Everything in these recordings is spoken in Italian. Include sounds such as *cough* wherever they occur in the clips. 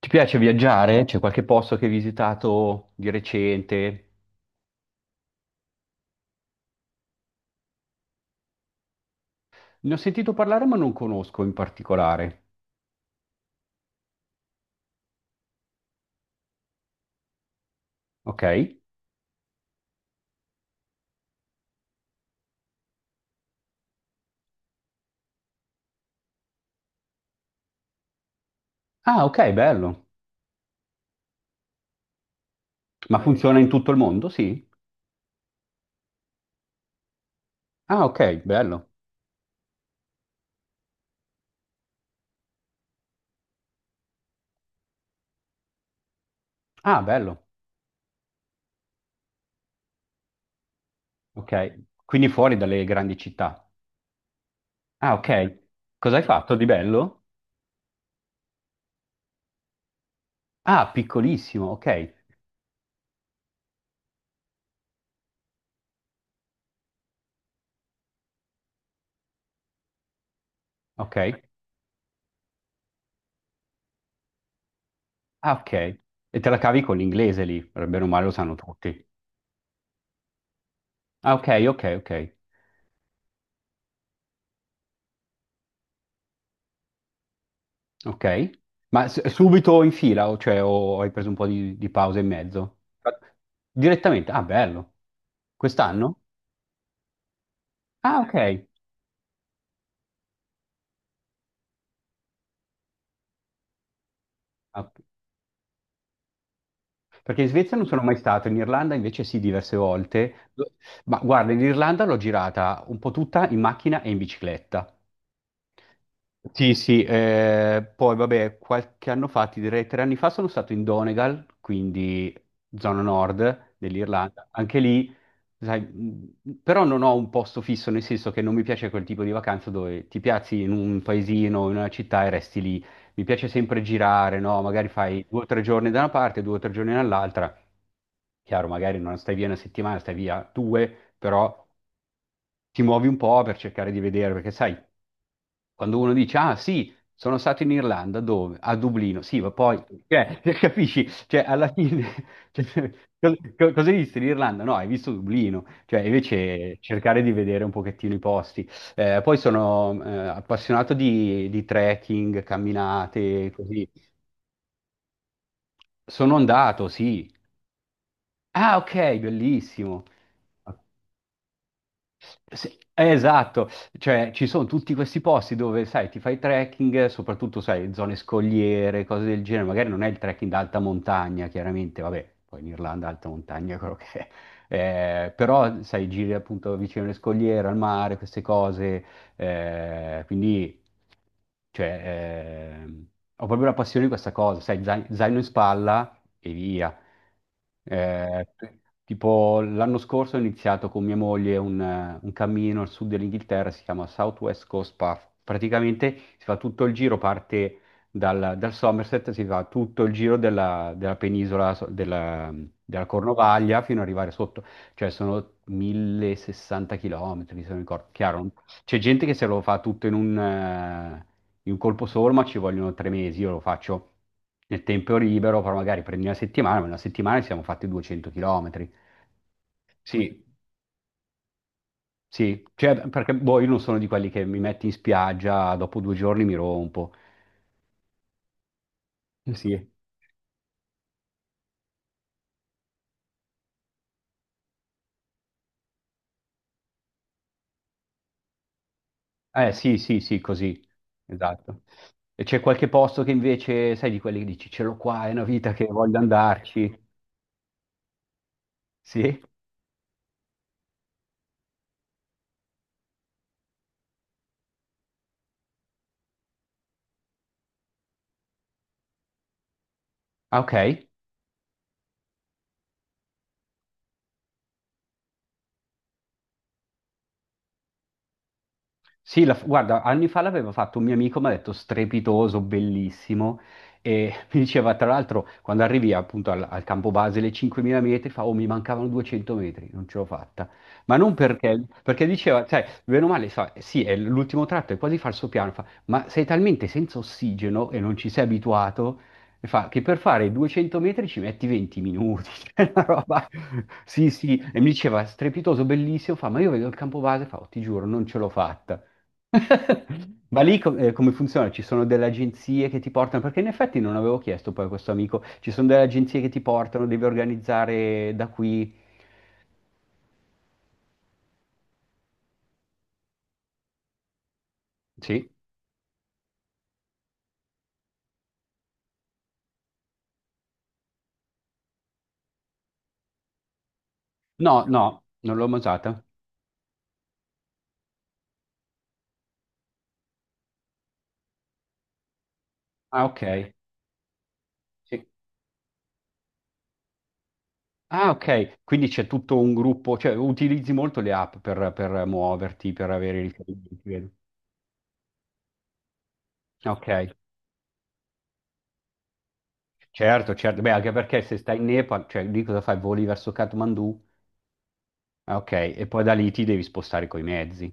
Ti piace viaggiare? C'è qualche posto che hai visitato di recente? Ne ho sentito parlare, ma non conosco in particolare. Ok? Ah, ok, bello. Ma funziona in tutto il mondo? Sì. Ah, ok, bello. Ah, bello. Ok. Quindi fuori dalle grandi città. Ah, ok. Cosa hai, sì, fatto di bello? Ah, piccolissimo. Ok. Ok. Ah, ok. E te la cavi con l'inglese lì, per bene o male lo sanno tutti. Ah, ok, ok, ok. Ok. Ma subito in fila, o, cioè, o hai preso un po' di pausa in mezzo? Direttamente? Ah, bello. Quest'anno? Ah, ok. Ah, ok. Perché in Svezia non sono mai stato, in Irlanda invece sì, diverse volte. Ma guarda, in Irlanda l'ho girata un po' tutta in macchina e in bicicletta. Sì, sì, poi vabbè, qualche anno fa, ti direi 3 anni fa, sono stato in Donegal, quindi zona nord dell'Irlanda. Anche lì, sai, però non ho un posto fisso, nel senso che non mi piace quel tipo di vacanza dove ti piazzi in un paesino, in una città e resti lì. Mi piace sempre girare, no? Magari fai 2 o 3 giorni da una parte, 2 o 3 giorni dall'altra. Chiaro, magari non stai via una settimana, stai via due, però ti muovi un po' per cercare di vedere, perché sai. Quando uno dice, ah sì, sono stato in Irlanda, dove? A Dublino, sì, ma poi, cioè, *laughs* capisci? Cioè, alla fine, *laughs* cioè, cosa hai visto in Irlanda? No, hai visto Dublino, cioè, invece cercare di vedere un pochettino i posti. Poi sono appassionato di trekking, camminate, così. Sono andato, sì. Ah, ok, bellissimo. Sì, esatto, cioè ci sono tutti questi posti dove, sai, ti fai trekking, soprattutto, sai, zone scogliere, cose del genere, magari non è il trekking d'alta montagna, chiaramente, vabbè, poi in Irlanda alta montagna *laughs* è quello che è, eh, però, sai, giri appunto vicino alle scogliere, al mare, queste cose, quindi, cioè, ho proprio la passione di questa cosa, sai, zaino in spalla e via. Tipo l'anno scorso ho iniziato con mia moglie un cammino al sud dell'Inghilterra, si chiama South West Coast Path. Praticamente si fa tutto il giro, parte dal Somerset, si fa tutto il giro della, della penisola, della Cornovaglia fino ad arrivare sotto, cioè sono 1.060 chilometri, se non ricordo. Chiaro, c'è gente che se lo fa tutto in un colpo solo, ma ci vogliono 3 mesi, io lo faccio nel tempo libero, però magari prendi una settimana, ma in una settimana ci siamo fatti 200 km. Sì, sì, cioè, perché boh, io non sono di quelli che mi metti in spiaggia, dopo 2 giorni mi rompo. Sì. Eh sì, sì, sì, così, esatto. E c'è qualche posto che invece, sai, di quelli che dici, ce l'ho qua, è una vita che voglio andarci. Sì? Ah, ok. Sì, guarda, anni fa l'aveva fatto un mio amico, mi ha detto strepitoso, bellissimo, e *laughs* mi diceva tra l'altro quando arrivi appunto al campo base le 5.000 metri, fa, oh mi mancavano 200 metri, non ce l'ho fatta, ma non perché, perché diceva, sai, bene o male, sa, sì, è l'ultimo tratto, è quasi falso piano, fa, ma sei talmente senza ossigeno e non ci sei abituato, e fa, che per fare 200 metri ci metti 20 minuti, *laughs* cioè una roba... Sì, sì, e mi diceva strepitoso, bellissimo, fa, ma io vedo il campo base, fa, "Oh, ti giuro, non ce l'ho fatta." *laughs* Ma lì come funziona? Ci sono delle agenzie che ti portano, perché in effetti non avevo chiesto poi a questo amico, ci sono delle agenzie che ti portano, devi organizzare da qui. Sì? No, no, non l'ho mai usata. Ah, ok. Sì. Ah, ok. Quindi c'è tutto un gruppo, cioè utilizzi molto le app per muoverti, per avere i riferimenti. Vedo. Ok, certo, certo. Beh, anche perché se stai in Nepal, cioè lì cosa fai? Voli verso Kathmandu? Ah, ok, e poi da lì ti devi spostare coi mezzi.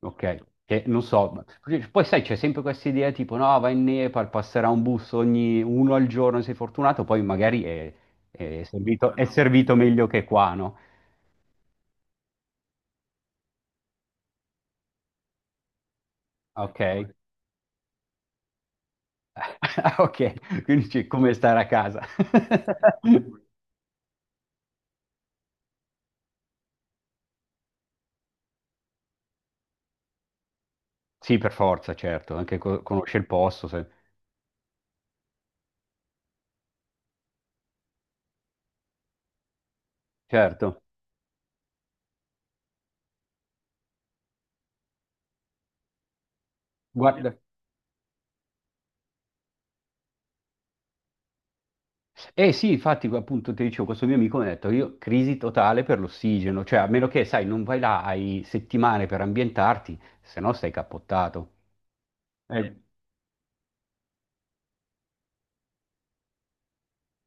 Ok, che non so, perché poi sai, c'è sempre questa idea tipo no, va in Nepal, passerà un bus ogni uno al giorno, sei fortunato, poi magari è servito, ma è no, servito meglio che qua, no? Ma ok, *laughs* poi, ok, quindi c'è come stare a casa. *laughs* Ma poi. Sì, per forza, certo, anche conosce il posto, certo. Guarda, eh sì, infatti, appunto, ti dicevo, questo mio amico mi ha detto, io crisi totale per l'ossigeno, cioè a meno che, sai, non vai là, hai settimane per ambientarti, se no stai cappottato. Eh,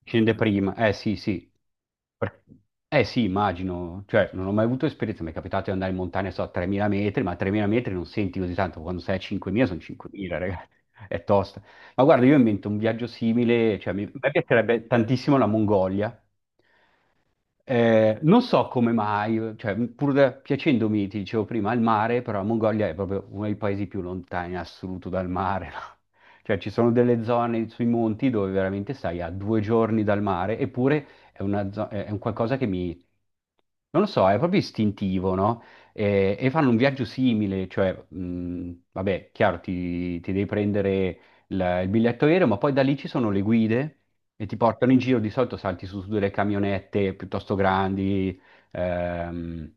scende prima, eh sì, sì. Per- Eh sì, immagino, cioè non ho mai avuto esperienza, mi è capitato di andare in montagna, so, a 3.000 metri, ma a 3.000 metri non senti così tanto, quando sei a 5.000 sono 5.000, ragazzi, è tosta. Ma guarda, io invento un viaggio simile, cioè a me piacerebbe tantissimo la Mongolia. Non so come mai, cioè, pur piacendomi, ti dicevo prima, il mare, però la Mongolia è proprio uno dei paesi più lontani in assoluto dal mare, no? Cioè, ci sono delle zone sui monti dove veramente stai a 2 giorni dal mare, eppure è è un qualcosa che non lo so, è proprio istintivo, no? E fanno un viaggio simile, cioè, vabbè, chiaro, ti devi prendere il biglietto aereo, ma poi da lì ci sono le guide e ti portano in giro, di solito salti su, su delle camionette piuttosto grandi, ehm,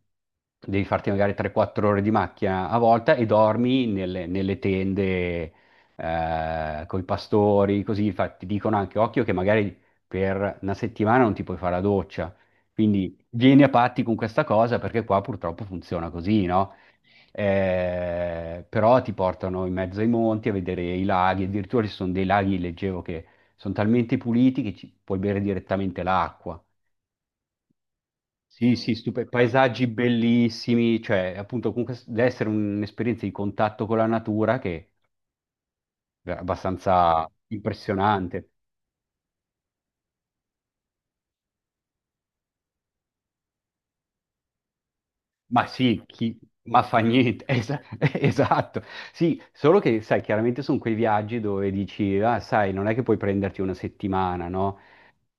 devi farti magari 3-4 ore di macchina a volta e dormi nelle, nelle tende con i pastori, così ti dicono anche occhio che magari per una settimana non ti puoi fare la doccia. Quindi vieni a patti con questa cosa perché qua purtroppo funziona così, no? Però ti portano in mezzo ai monti a vedere i laghi, addirittura ci sono dei laghi, leggevo, che sono talmente puliti che ci puoi bere direttamente l'acqua. Sì, sì, paesaggi bellissimi, cioè appunto comunque deve essere un'esperienza di contatto con la natura che è abbastanza impressionante. Ma sì, ma fa niente, *laughs* Esatto. Sì, solo che, sai, chiaramente sono quei viaggi dove dici, ah, sai, non è che puoi prenderti una settimana, no?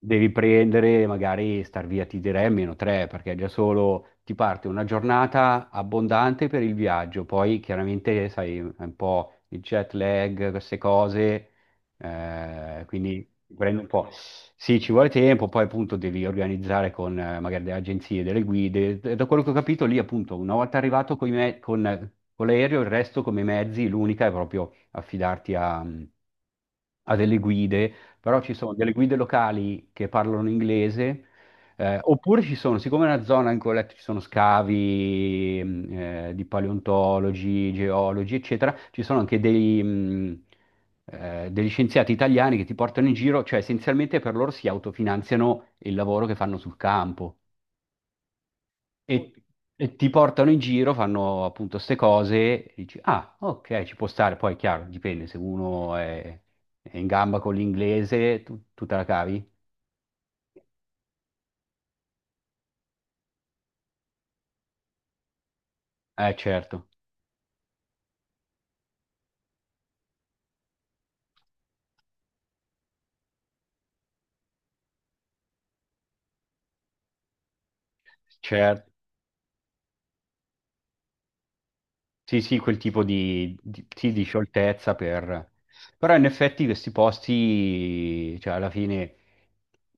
Devi prendere, magari star via, ti direi almeno tre, perché già solo ti parte una giornata abbondante per il viaggio, poi chiaramente, sai, è un po' il jet lag, queste cose, quindi prendo un po'. Sì, ci vuole tempo, poi appunto devi organizzare con magari delle agenzie, delle guide. E da quello che ho capito lì, appunto, una volta arrivato coi con l'aereo, il resto come mezzi, l'unica è proprio affidarti a delle guide, però ci sono delle guide locali che parlano inglese, oppure ci sono, siccome è una zona in cui ho letto ci sono scavi di paleontologi, geologi, eccetera, ci sono anche degli scienziati italiani che ti portano in giro, cioè essenzialmente per loro si autofinanziano il lavoro che fanno sul campo e, ottimo. E ti portano in giro, fanno appunto ste cose, e dici, ah, ok, ci può stare, poi è chiaro, dipende, se uno è in gamba con l'inglese, tu te la cavi? Certo, certo. Sì, sì, quel tipo sì, di scioltezza per... Però in effetti questi posti, cioè alla fine,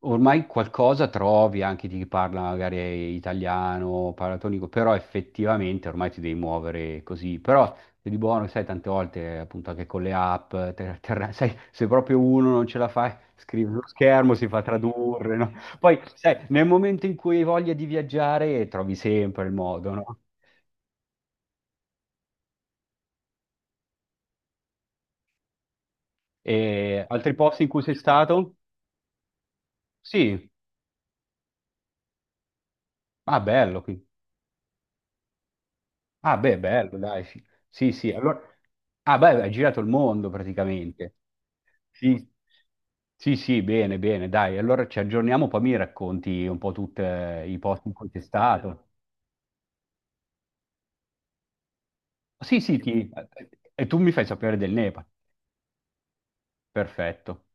ormai qualcosa trovi anche di chi parla magari italiano, paratonico, però effettivamente ormai ti devi muovere così. Però se di buono, sai, tante volte appunto anche con le app, *laughs* sai, se proprio uno non ce la fa, scrive sullo schermo, si fa tradurre, no? Poi, sai, nel momento in cui hai voglia di viaggiare, trovi sempre il modo, no? E altri posti in cui sei stato? Sì. Ah, bello. Ah, beh, bello, dai. Sì, sì. Sì, allora... Ah, beh, hai girato il mondo praticamente. Sì. Sì, sì, bene, bene, dai. Allora ci aggiorniamo, poi mi racconti un po' tutti i posti in cui sei stato. Sì, sì, ti... E tu mi fai sapere del Nepal. Perfetto.